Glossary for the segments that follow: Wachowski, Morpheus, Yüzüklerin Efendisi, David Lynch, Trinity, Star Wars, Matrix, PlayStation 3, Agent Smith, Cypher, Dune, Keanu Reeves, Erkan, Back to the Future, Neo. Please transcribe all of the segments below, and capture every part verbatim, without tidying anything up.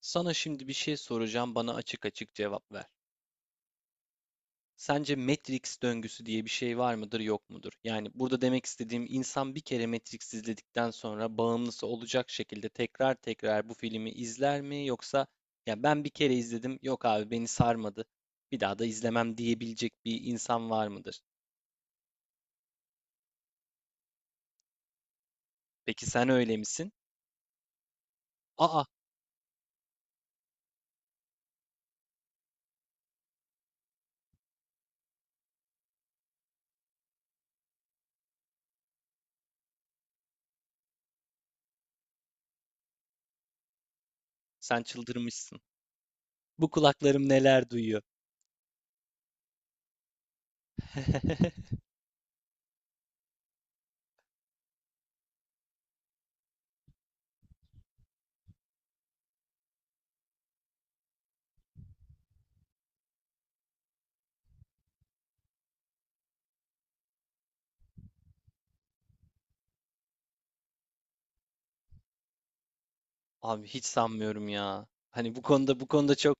Sana şimdi bir şey soracağım, bana açık açık cevap ver. Sence Matrix döngüsü diye bir şey var mıdır, yok mudur? Yani burada demek istediğim insan bir kere Matrix izledikten sonra bağımlısı olacak şekilde tekrar tekrar bu filmi izler mi, yoksa ya ben bir kere izledim, yok abi beni sarmadı. Bir daha da izlemem diyebilecek bir insan var mıdır? Peki sen öyle misin? Aa, sen çıldırmışsın. Bu kulaklarım neler duyuyor? Abi hiç sanmıyorum ya. Hani bu konuda bu konuda çok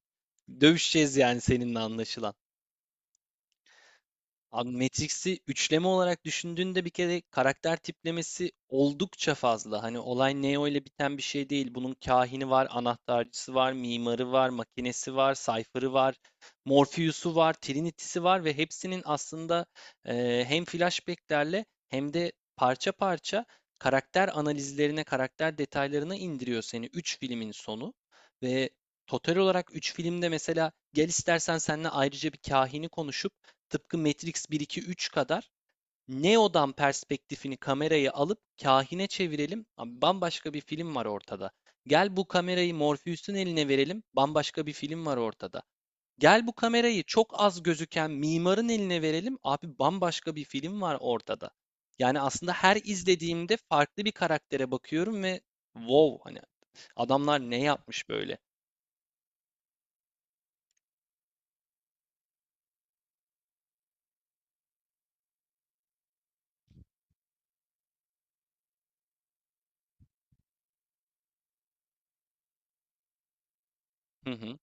dövüşeceğiz yani seninle anlaşılan. Abi Matrix'i üçleme olarak düşündüğünde bir kere karakter tiplemesi oldukça fazla. Hani olay Neo ile biten bir şey değil. Bunun kahini var, anahtarcısı var, mimarı var, makinesi var, Cypher'ı var, Morpheus'u var, Trinity'si var ve hepsinin aslında eee, hem flashback'lerle hem de parça parça karakter analizlerine, karakter detaylarına indiriyor seni üç filmin sonu. Ve total olarak üç filmde mesela gel istersen seninle ayrıca bir kahini konuşup tıpkı Matrix bir iki-üç kadar Neo'dan perspektifini kamerayı alıp kahine çevirelim. Abi bambaşka bir film var ortada. Gel bu kamerayı Morpheus'un eline verelim. Bambaşka bir film var ortada. Gel bu kamerayı çok az gözüken mimarın eline verelim. Abi bambaşka bir film var ortada. Yani aslında her izlediğimde farklı bir karaktere bakıyorum ve wow, hani adamlar ne yapmış böyle? Hı hı.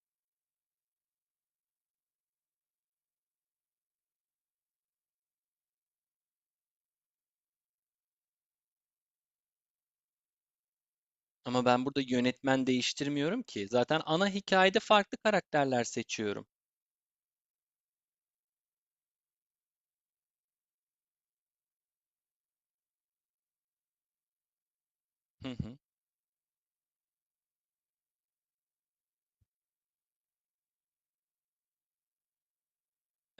Ama ben burada yönetmen değiştirmiyorum ki. Zaten ana hikayede farklı karakterler seçiyorum. Hı hı.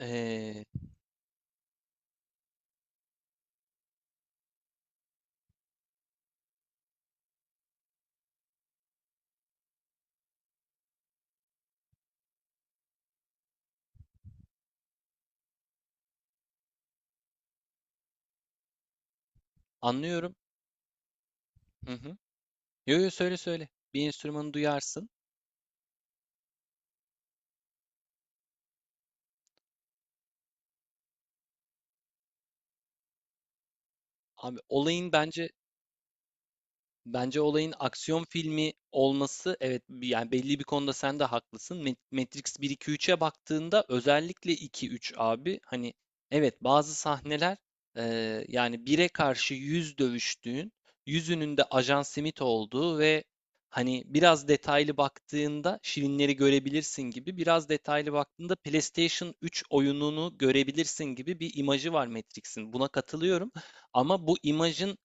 Ee, anlıyorum. Hı hı. Yo yo, söyle söyle. Bir enstrümanı duyarsın. Abi olayın bence, bence olayın aksiyon filmi olması, evet, yani belli bir konuda sen de haklısın. Ma- Matrix bir iki üç'e baktığında, özellikle iki üç abi, hani evet, bazı sahneler, eee, yani bir'e karşı yüz dövüştüğün, yüzünün de Ajan Smith olduğu ve hani biraz detaylı baktığında şirinleri görebilirsin gibi, biraz detaylı baktığında PlayStation üç oyununu görebilirsin gibi bir imajı var Matrix'in. Buna katılıyorum ama bu imajın,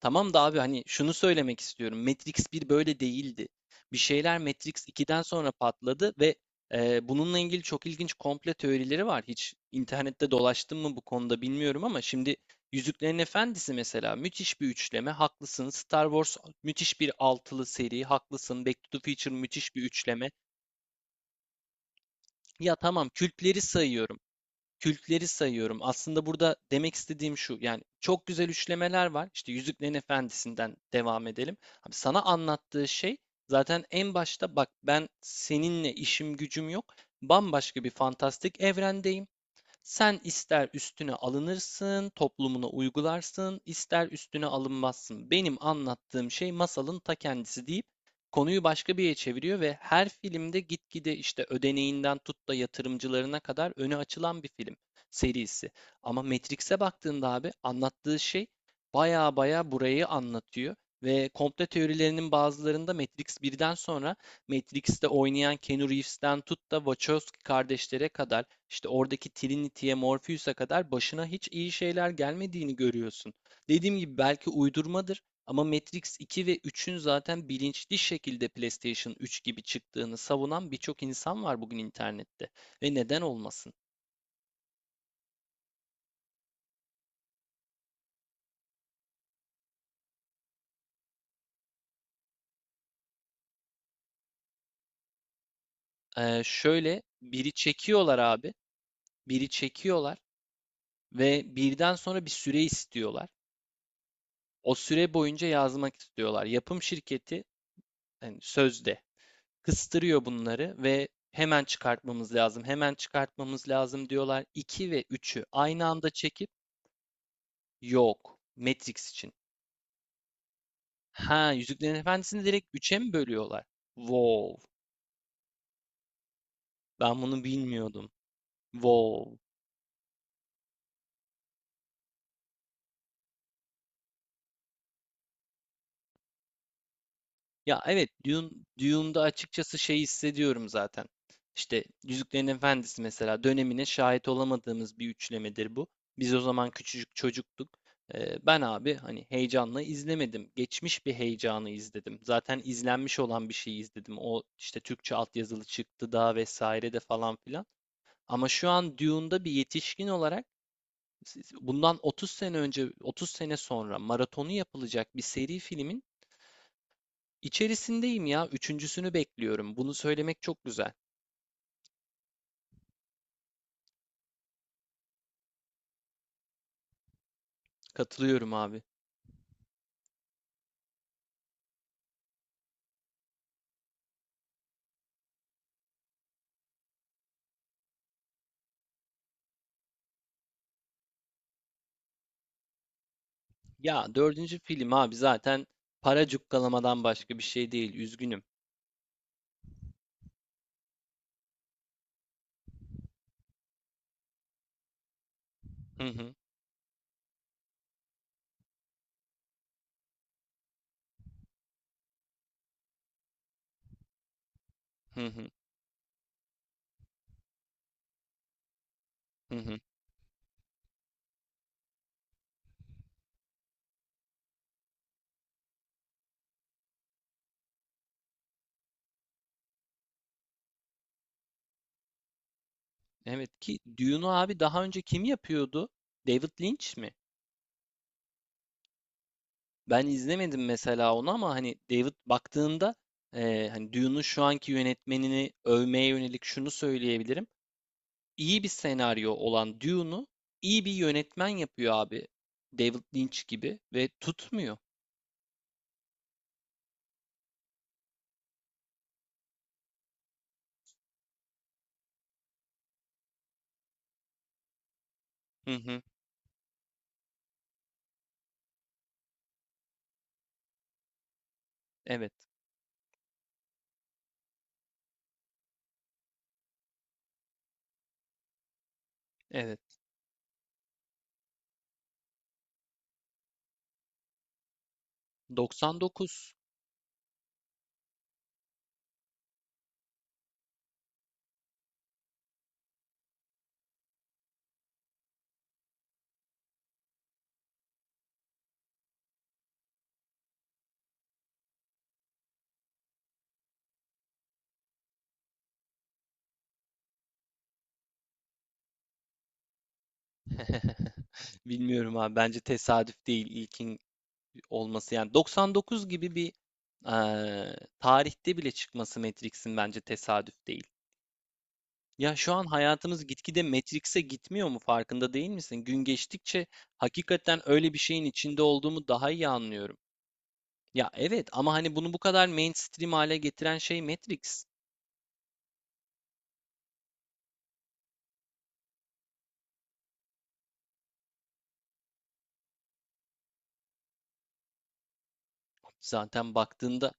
tamam da abi, hani şunu söylemek istiyorum. Matrix bir böyle değildi. Bir şeyler Matrix ikiden sonra patladı ve e, bununla ilgili çok ilginç komple teorileri var. Hiç internette dolaştım mı bu konuda bilmiyorum ama şimdi Yüzüklerin Efendisi mesela müthiş bir üçleme. Haklısın. Star Wars müthiş bir altılı seri. Haklısın. Back to the Future müthiş bir üçleme. Ya tamam, kültleri sayıyorum. Kültleri sayıyorum. Aslında burada demek istediğim şu. Yani çok güzel üçlemeler var. İşte Yüzüklerin Efendisi'nden devam edelim. Abi sana anlattığı şey, zaten en başta bak, ben seninle işim gücüm yok. Bambaşka bir fantastik evrendeyim. Sen ister üstüne alınırsın, toplumuna uygularsın, ister üstüne alınmazsın. Benim anlattığım şey masalın ta kendisi deyip konuyu başka bir yere çeviriyor ve her filmde gitgide işte ödeneğinden tut da yatırımcılarına kadar öne açılan bir film serisi. Ama Matrix'e baktığında abi, anlattığı şey baya baya burayı anlatıyor. Ve komple teorilerinin bazılarında, Matrix birden sonra Matrix'te oynayan Keanu Reeves'ten tut da Wachowski kardeşlere kadar, işte oradaki Trinity'ye, Morpheus'a kadar başına hiç iyi şeyler gelmediğini görüyorsun. Dediğim gibi belki uydurmadır ama Matrix iki ve üçün zaten bilinçli şekilde PlayStation üç gibi çıktığını savunan birçok insan var bugün internette. Ve neden olmasın? Ee, şöyle biri çekiyorlar abi, biri çekiyorlar ve birden sonra bir süre istiyorlar. O süre boyunca yazmak istiyorlar. Yapım şirketi yani sözde kıstırıyor bunları ve hemen çıkartmamız lazım, hemen çıkartmamız lazım diyorlar. iki ve üçü aynı anda çekip, yok. Matrix için. Ha, Yüzüklerin Efendisi'ni direkt üç'e mi bölüyorlar? Wow. Ben bunu bilmiyordum. Wow. Ya evet, Dune, Dune'da açıkçası şey hissediyorum zaten. İşte Yüzüklerin Efendisi mesela dönemine şahit olamadığımız bir üçlemedir bu. Biz o zaman küçücük çocuktuk. Ee, ben abi hani heyecanla izlemedim. Geçmiş bir heyecanı izledim. Zaten izlenmiş olan bir şeyi izledim. O işte Türkçe altyazılı çıktı da vesaire de falan filan. Ama şu an Dune'da bir yetişkin olarak, siz- bundan otuz sene önce, otuz sene sonra maratonu yapılacak bir seri filmin İçerisindeyim ya. Üçüncüsünü bekliyorum. Bunu söylemek çok güzel. Katılıyorum abi. Ya dördüncü film abi zaten para cukkalamadan başka bir şey değil. Üzgünüm. Hı hı, hı hı, hı hı. Evet ki Dune'u abi daha önce kim yapıyordu? David Lynch mi? Ben izlemedim mesela onu ama hani David, baktığında eee hani Dune'un şu anki yönetmenini övmeye yönelik şunu söyleyebilirim. İyi bir senaryo olan Dune'u iyi bir yönetmen yapıyor abi. David Lynch gibi ve tutmuyor. Hı hı. Evet. Evet. doksan dokuz. Bilmiyorum abi. Bence tesadüf değil ilkin olması. Yani doksan dokuz gibi bir, eee, tarihte bile çıkması Matrix'in bence tesadüf değil. Ya şu an hayatımız gitgide Matrix'e gitmiyor mu, farkında değil misin? Gün geçtikçe hakikaten öyle bir şeyin içinde olduğumu daha iyi anlıyorum. Ya evet, ama hani bunu bu kadar mainstream hale getiren şey Matrix. Zaten baktığında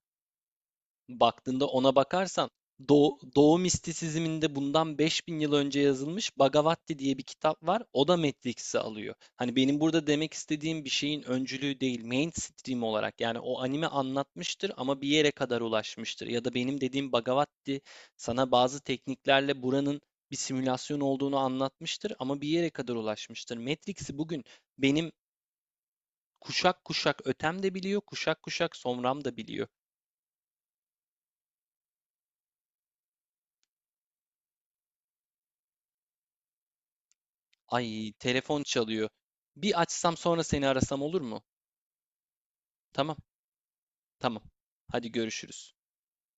baktığında ona bakarsan, Doğu, Doğu mistisizminde bundan beş bin yıl önce yazılmış Bhagavati diye bir kitap var. O da Matrix'i alıyor. Hani benim burada demek istediğim bir şeyin öncülüğü değil, mainstream olarak. Yani o anime anlatmıştır ama bir yere kadar ulaşmıştır. Ya da benim dediğim Bhagavati sana bazı tekniklerle buranın bir simülasyon olduğunu anlatmıştır ama bir yere kadar ulaşmıştır. Matrix'i bugün benim kuşak kuşak ötem de biliyor, kuşak kuşak somram da biliyor. Ay, telefon çalıyor. Bir açsam sonra seni arasam olur mu? Tamam, tamam. Hadi görüşürüz.